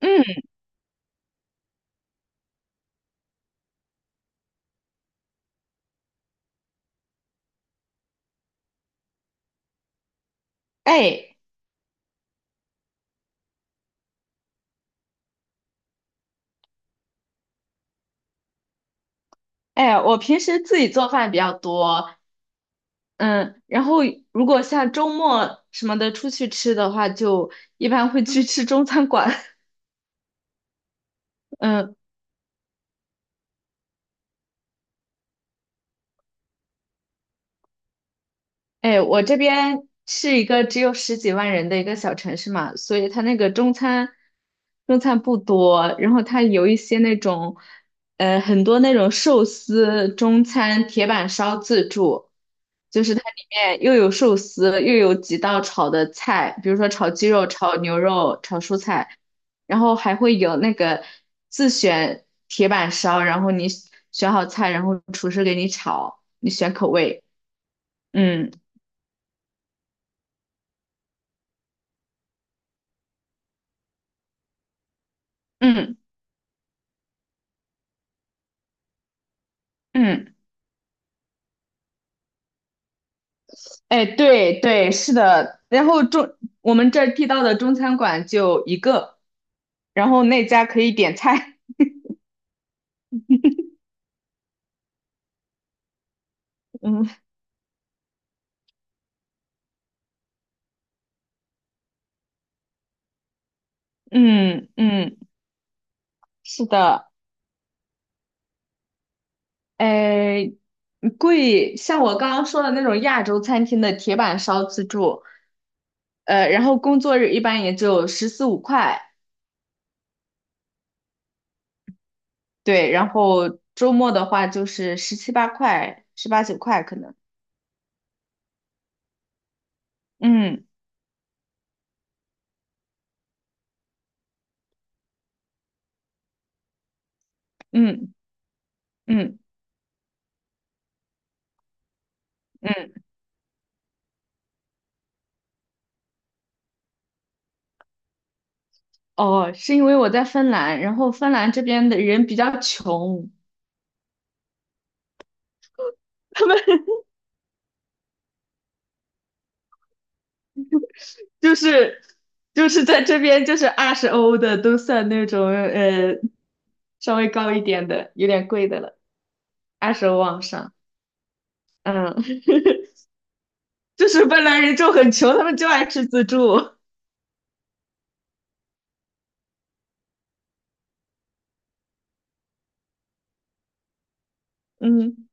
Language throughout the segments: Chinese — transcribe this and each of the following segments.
嗯，哎哎，我平时自己做饭比较多，嗯，然后如果像周末什么的出去吃的话，就一般会去吃中餐馆，嗯。哎，我这边是一个只有十几万人的一个小城市嘛，所以它那个中餐不多，然后它有一些那种，很多那种寿司中餐铁板烧自助，就是它里面又有寿司，又有几道炒的菜，比如说炒鸡肉、炒牛肉、炒蔬菜，然后还会有那个自选铁板烧，然后你选好菜，然后厨师给你炒，你选口味，嗯嗯。嗯，哎，对对，是的。然后我们这儿地道的中餐馆就一个，然后那家可以点菜。嗯，嗯嗯，是的。哎，贵，像我刚刚说的那种亚洲餐厅的铁板烧自助，然后工作日一般也就十四五块，对，然后周末的话就是十七八块、十八九块可能。嗯嗯嗯嗯，哦，是因为我在芬兰，然后芬兰这边的人比较穷，他们 就是就是在这边就是二十欧的都算那种稍微高一点的，有点贵的了，二十欧往上。嗯，就是芬兰人就很穷，他们就爱吃自助。嗯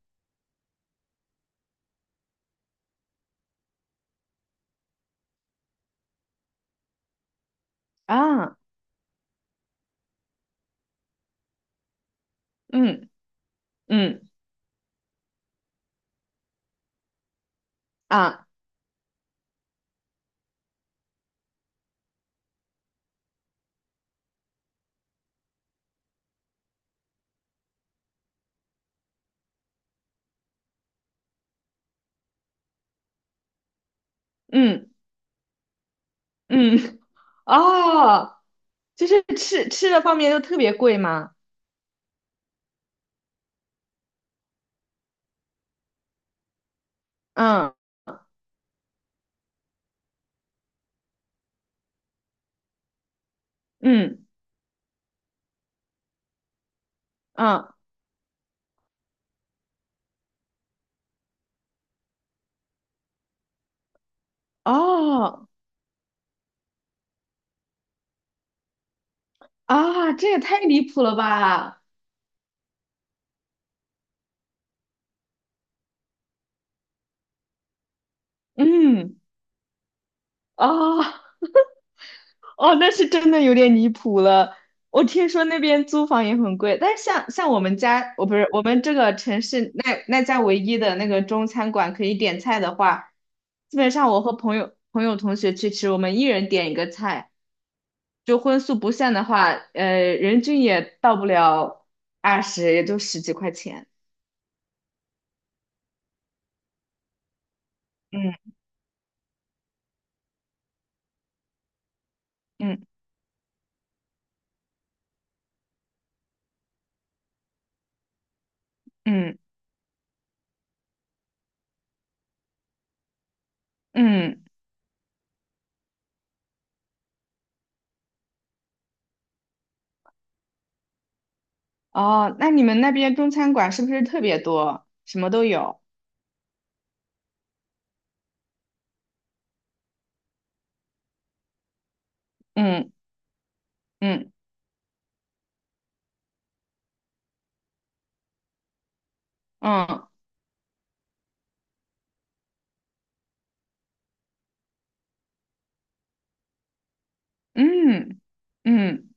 啊，嗯嗯啊，嗯嗯哦，就是吃的方面都特别贵嘛。嗯嗯嗯哦啊，这也太离谱了吧！嗯，啊，哦，那是真的有点离谱了。我听说那边租房也很贵，但是像我们家，我不是我们这个城市那家唯一的那个中餐馆可以点菜的话，基本上我和朋友同学去吃，我们一人点一个菜，就荤素不限的话，人均也到不了二十，也就十几块钱。嗯嗯嗯嗯。哦，那你们那边中餐馆是不是特别多？什么都有。嗯嗯嗯嗯嗯，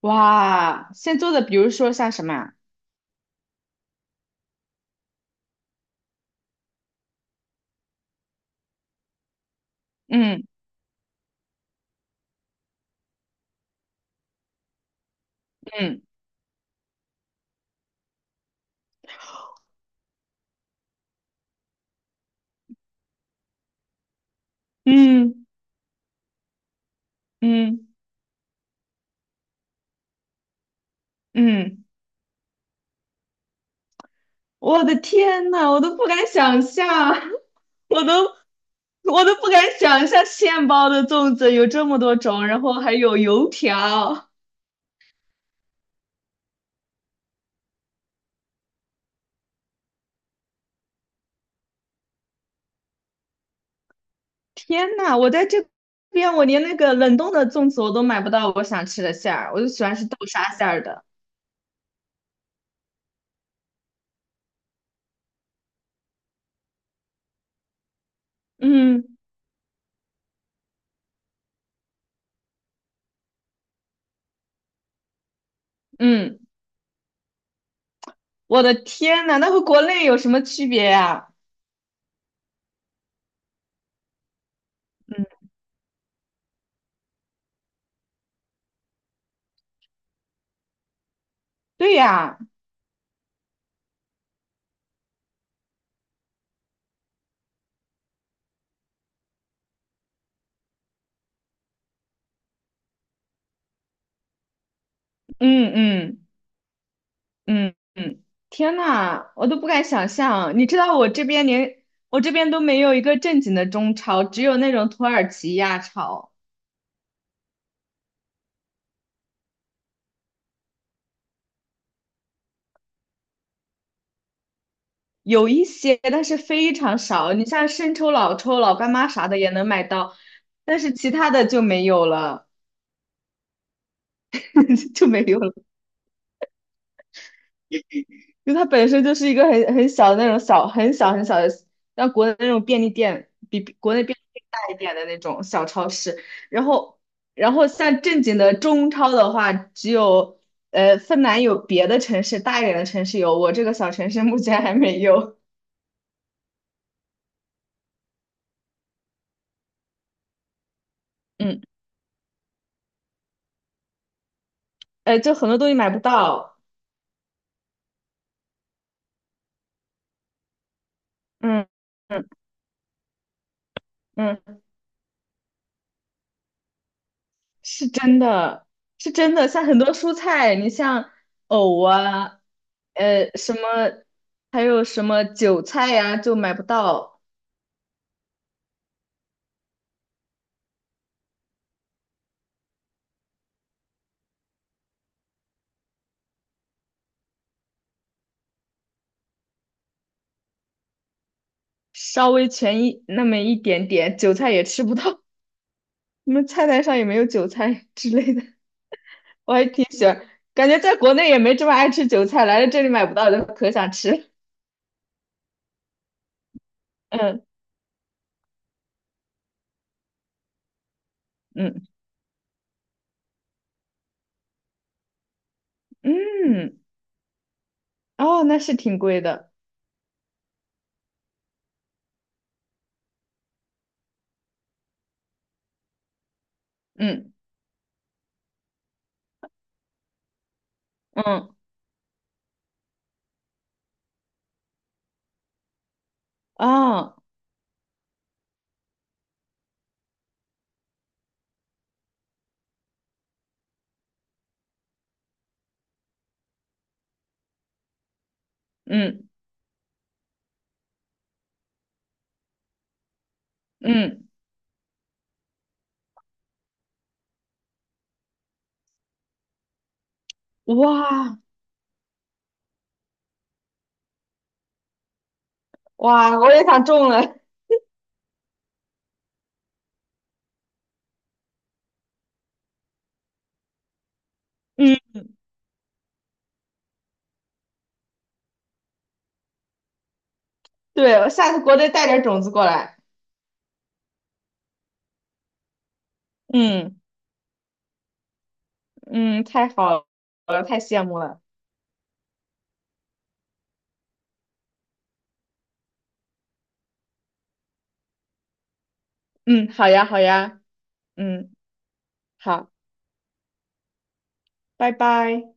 哇！现做的，比如说像什么啊嗯嗯嗯嗯嗯，我的天呐，我都不敢想象，我都我都不敢想象现包的粽子有这么多种，然后还有油条。天呐，我在这边，我连那个冷冻的粽子我都买不到我想吃的馅儿，我就喜欢吃豆沙馅儿的。嗯嗯，我的天呐，那和国内有什么区别呀？嗯，对呀，嗯嗯嗯嗯，天呐，我都不敢想象。你知道我这边都没有一个正经的中超，只有那种土耳其亚超，有一些，但是非常少。你像生抽、老抽、老干妈啥的也能买到，但是其他的就没有了。就没有了，因为它本身就是一个很小的那种小很小很小的，像国内那种便利店比国内便利店大一点的那种小超市。然后，然后像正经的中超的话，只有芬兰有，别的城市大一点的城市有，我这个小城市目前还没有。嗯，就很多东西买不到。嗯嗯嗯。是真的，是真的，像很多蔬菜，你像藕啊，什么，还有什么韭菜呀、就买不到，稍微全一那么一点点，韭菜也吃不到，你们菜单上也没有韭菜之类的，感觉在国内也没这么爱吃韭菜，来了这里买不到就可想吃，嗯嗯嗯，哦，那是挺贵的，嗯嗯啊嗯嗯，哇哇，我也想种了。嗯对，我下次国内带点种子过来。嗯嗯，太好了，太羡慕了。嗯，好呀好呀，嗯，好，拜拜。